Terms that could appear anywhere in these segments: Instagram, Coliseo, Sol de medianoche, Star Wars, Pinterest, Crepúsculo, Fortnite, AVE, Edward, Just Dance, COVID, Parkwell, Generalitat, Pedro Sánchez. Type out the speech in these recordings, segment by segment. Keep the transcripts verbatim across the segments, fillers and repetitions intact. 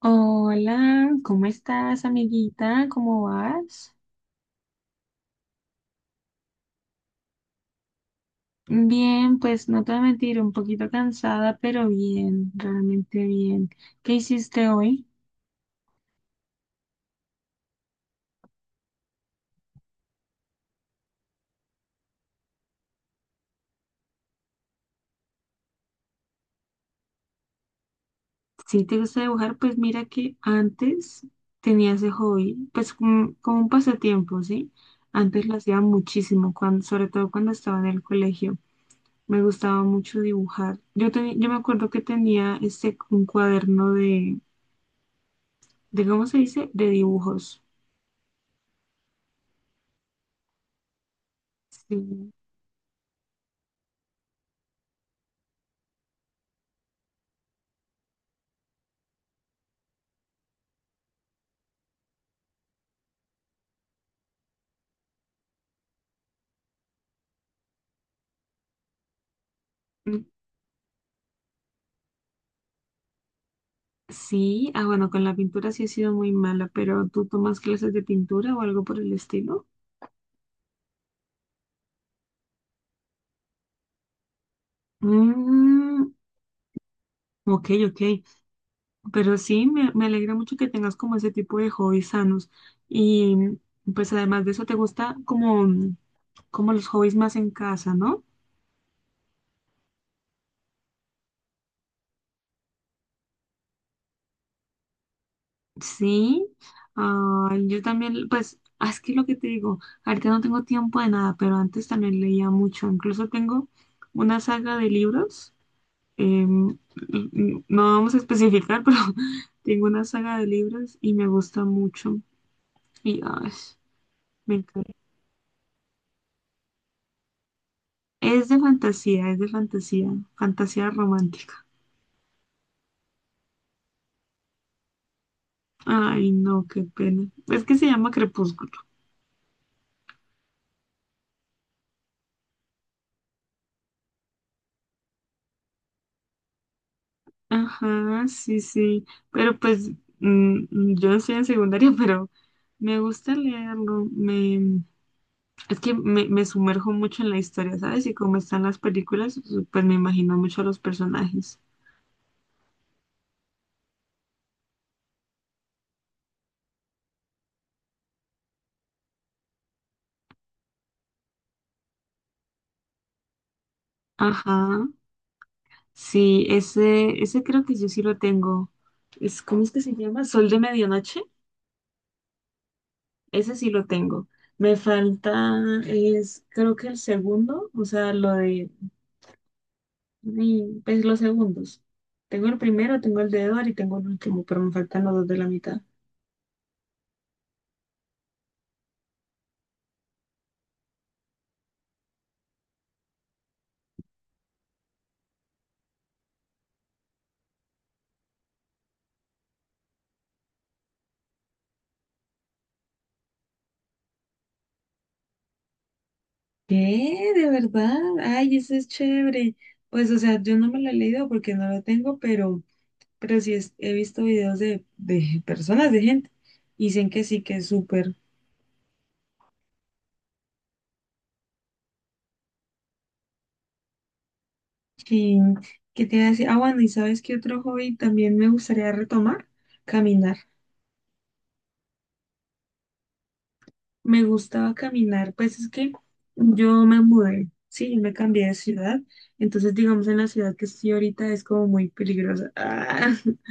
Hola, ¿cómo estás, amiguita? ¿Cómo vas? Bien, pues no te voy a mentir, un poquito cansada, pero bien, realmente bien. ¿Qué hiciste hoy? Si te gusta dibujar, pues mira que antes tenía ese hobby, pues como, como un pasatiempo, ¿sí? Antes lo hacía muchísimo, cuando, sobre todo cuando estaba en el colegio. Me gustaba mucho dibujar. Yo, teni- yo me acuerdo que tenía este, un cuaderno de, de, ¿cómo se dice? De dibujos. Sí. Sí, ah, bueno, con la pintura sí he sido muy mala, pero ¿tú tomas clases de pintura o algo por el estilo? Mm, ok, ok. Pero sí, me, me alegra mucho que tengas como ese tipo de hobbies sanos. Y pues además de eso, te gusta como, como los hobbies más en casa, ¿no? Sí. Ah, yo también, pues, ah, es que lo que te digo, ahorita no tengo tiempo de nada, pero antes también leía mucho. Incluso tengo una saga de libros. Em, no vamos a especificar, pero tengo una saga de libros y me gusta mucho. Y ay, me encanta. Es de fantasía, es de fantasía, fantasía romántica. Ay, no, qué pena. Es que se llama Crepúsculo. Ajá, sí, sí. Pero pues mm, mm, yo estoy en secundaria, pero me gusta leerlo. Me, es que me, me sumerjo mucho en la historia, ¿sabes? Y como están las películas, pues me imagino mucho a los personajes. Ajá. Sí, ese, ese creo que yo sí lo tengo. Es, ¿cómo es que se llama? Sol de medianoche. Ese sí lo tengo. Me falta, es, creo que el segundo, o sea, lo de, y, pues los segundos. Tengo el primero, tengo el de Edward y tengo el último, pero me faltan los dos de la mitad. ¿Qué? ¿De verdad? Ay, ese es chévere. Pues, o sea, yo no me lo he leído porque no lo tengo, pero, pero sí es- he visto videos de, de personas, de gente. Y dicen que sí, que es súper. Sí, ¿qué te iba a decir? Ah, bueno, ¿y sabes qué otro hobby también me gustaría retomar? Caminar. Me gustaba caminar, pues es que yo me mudé, sí, yo me cambié de ciudad, entonces digamos en la ciudad que estoy ahorita es como muy peligrosa. Ah,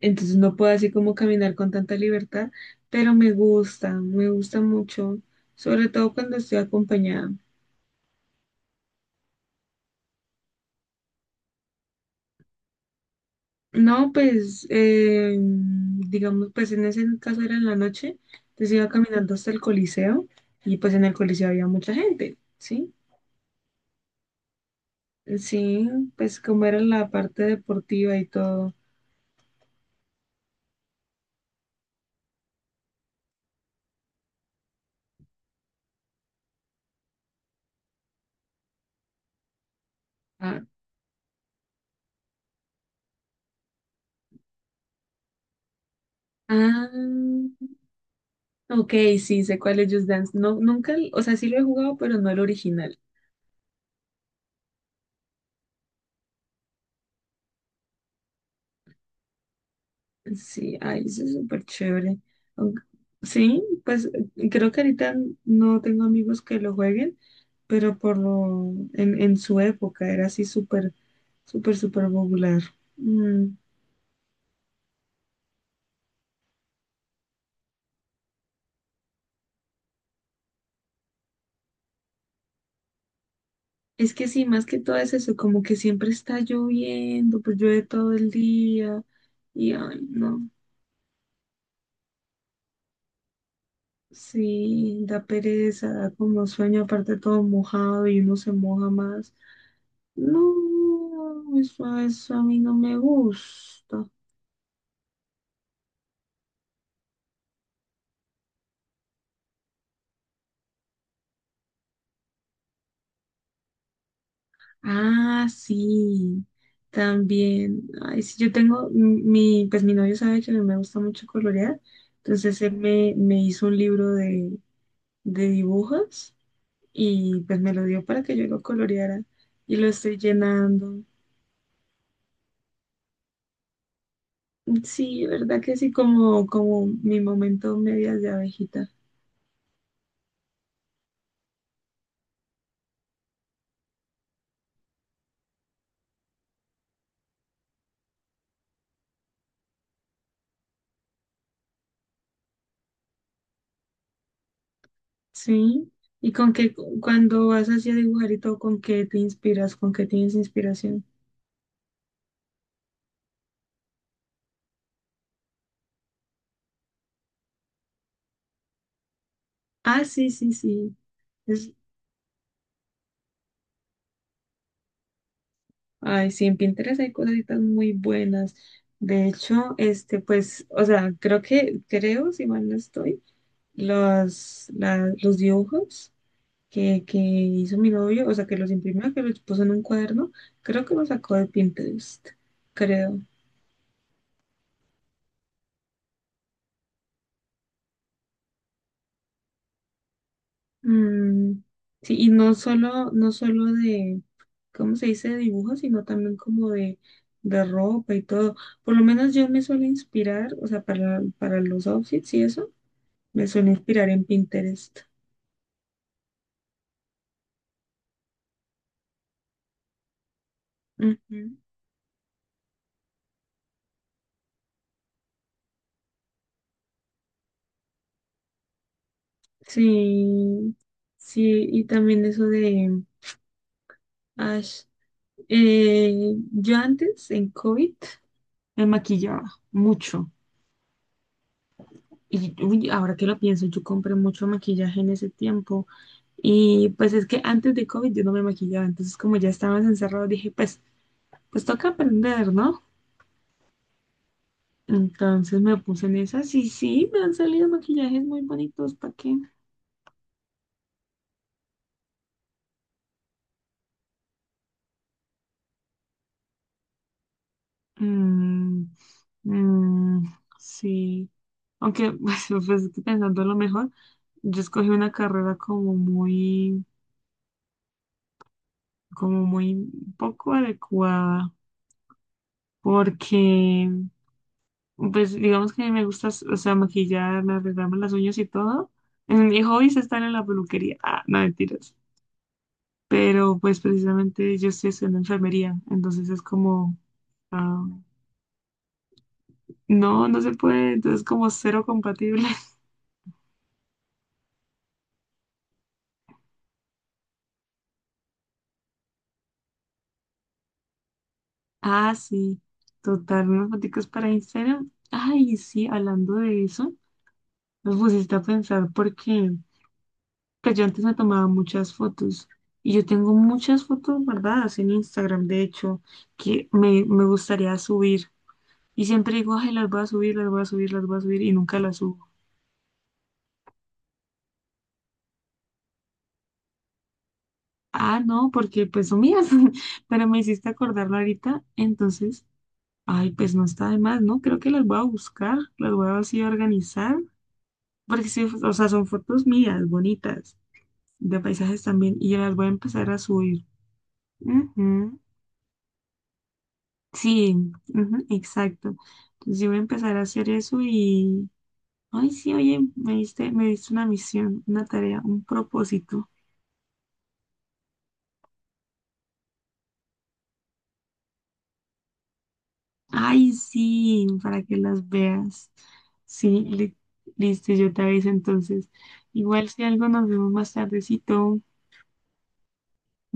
entonces no puedo así como caminar con tanta libertad, pero me gusta, me gusta mucho, sobre todo cuando estoy acompañada. No, pues, eh, digamos, pues en ese caso era en la noche, entonces iba caminando hasta el Coliseo y pues en el Coliseo había mucha gente, ¿sí? Sí, pues como era la parte deportiva y todo. Ah, ah, ok, sí, sé cuál es Just Dance. No, nunca, o sea, sí lo he jugado, pero no el original. Sí, ay, eso es súper chévere. Aunque- Sí, pues eh, creo que ahorita no tengo amigos que lo jueguen, pero por lo, en, en su época era así súper, súper, súper popular. Mm, es que sí, más que todo es eso, como que siempre está lloviendo, pues llueve todo el día y ay, no, sí, da pereza, da como sueño, aparte todo mojado y uno se moja más. No, eso, eso a mí no me gusta. Ah, sí, también. Ay, sí, yo tengo, m- mi, pues mi novio sabe que a mí me gusta mucho colorear, entonces él me, me hizo un libro de, de dibujos y pues me lo dio para que yo lo coloreara y lo estoy llenando. Sí, verdad que sí, como, como mi momento medias de abejita. Sí, y con qué, cuando vas así a dibujar y todo, ¿con qué te inspiras? ¿Con qué tienes inspiración? Ah, sí, sí, sí. Ay, sí, en Pinterest hay cositas muy buenas. De hecho, este, pues, o sea, creo que, creo, si mal no estoy, los, la- los dibujos que, que hizo mi novio, o sea, que los imprimió, que los puso en un cuaderno, creo que los sacó de Pinterest, creo. Mm, sí, y no solo, no solo de, ¿cómo se dice? De dibujos, sino también como de, de ropa y todo. Por lo menos yo me suelo inspirar, o sea, para, para los outfits y eso. Me suelo inspirar en Pinterest. Ujú. Sí, sí, y también eso de Ash. Eh, yo antes, en COVID, me maquillaba mucho. Y uy, ahora que lo pienso, yo compré mucho maquillaje en ese tiempo. Y pues es que antes de COVID yo no me maquillaba. Entonces, como ya estábamos encerrados, dije, pues, pues toca aprender, ¿no? Entonces me puse en esas y sí, me han salido maquillajes muy bonitos. ¿Para qué? Mm, mm, sí. Aunque, pues, pues, pensando lo mejor, yo escogí una carrera como muy, como muy poco adecuada, porque, pues, digamos que me gusta, o sea, maquillarme, arreglarme las uñas y todo. En mi hobby es estar en la peluquería. Ah, no, mentiras. Pero, pues, precisamente yo estoy estudiando enfermería, entonces es como, ah, no, no se puede, entonces como cero compatible. Ah, sí, total, unas foticos para Instagram. Ay, sí, hablando de eso, me pusiste a pensar porque pues yo antes me tomaba muchas fotos y yo tengo muchas fotos guardadas en Instagram, de hecho, que me, me gustaría subir. Y siempre digo, ay, las voy a subir, las voy a subir, las voy a subir y nunca las subo. Ah, no, porque pues son mías, pero me hiciste acordarlo ahorita, entonces, ay, pues no está de más, ¿no? Creo que las voy a buscar, las voy a así organizar. Porque sí, o sea, son fotos mías, bonitas, de paisajes también, y yo las voy a empezar a subir. Ujú, sí, ujú, exacto. Entonces yo voy a empezar a hacer eso y, ay, sí, oye, me diste, me diste una misión, una tarea, un propósito. Ay, sí, para que las veas. Sí, li- Listo, yo te aviso entonces. Igual si algo nos vemos más tardecito.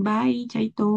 Bye, chaito.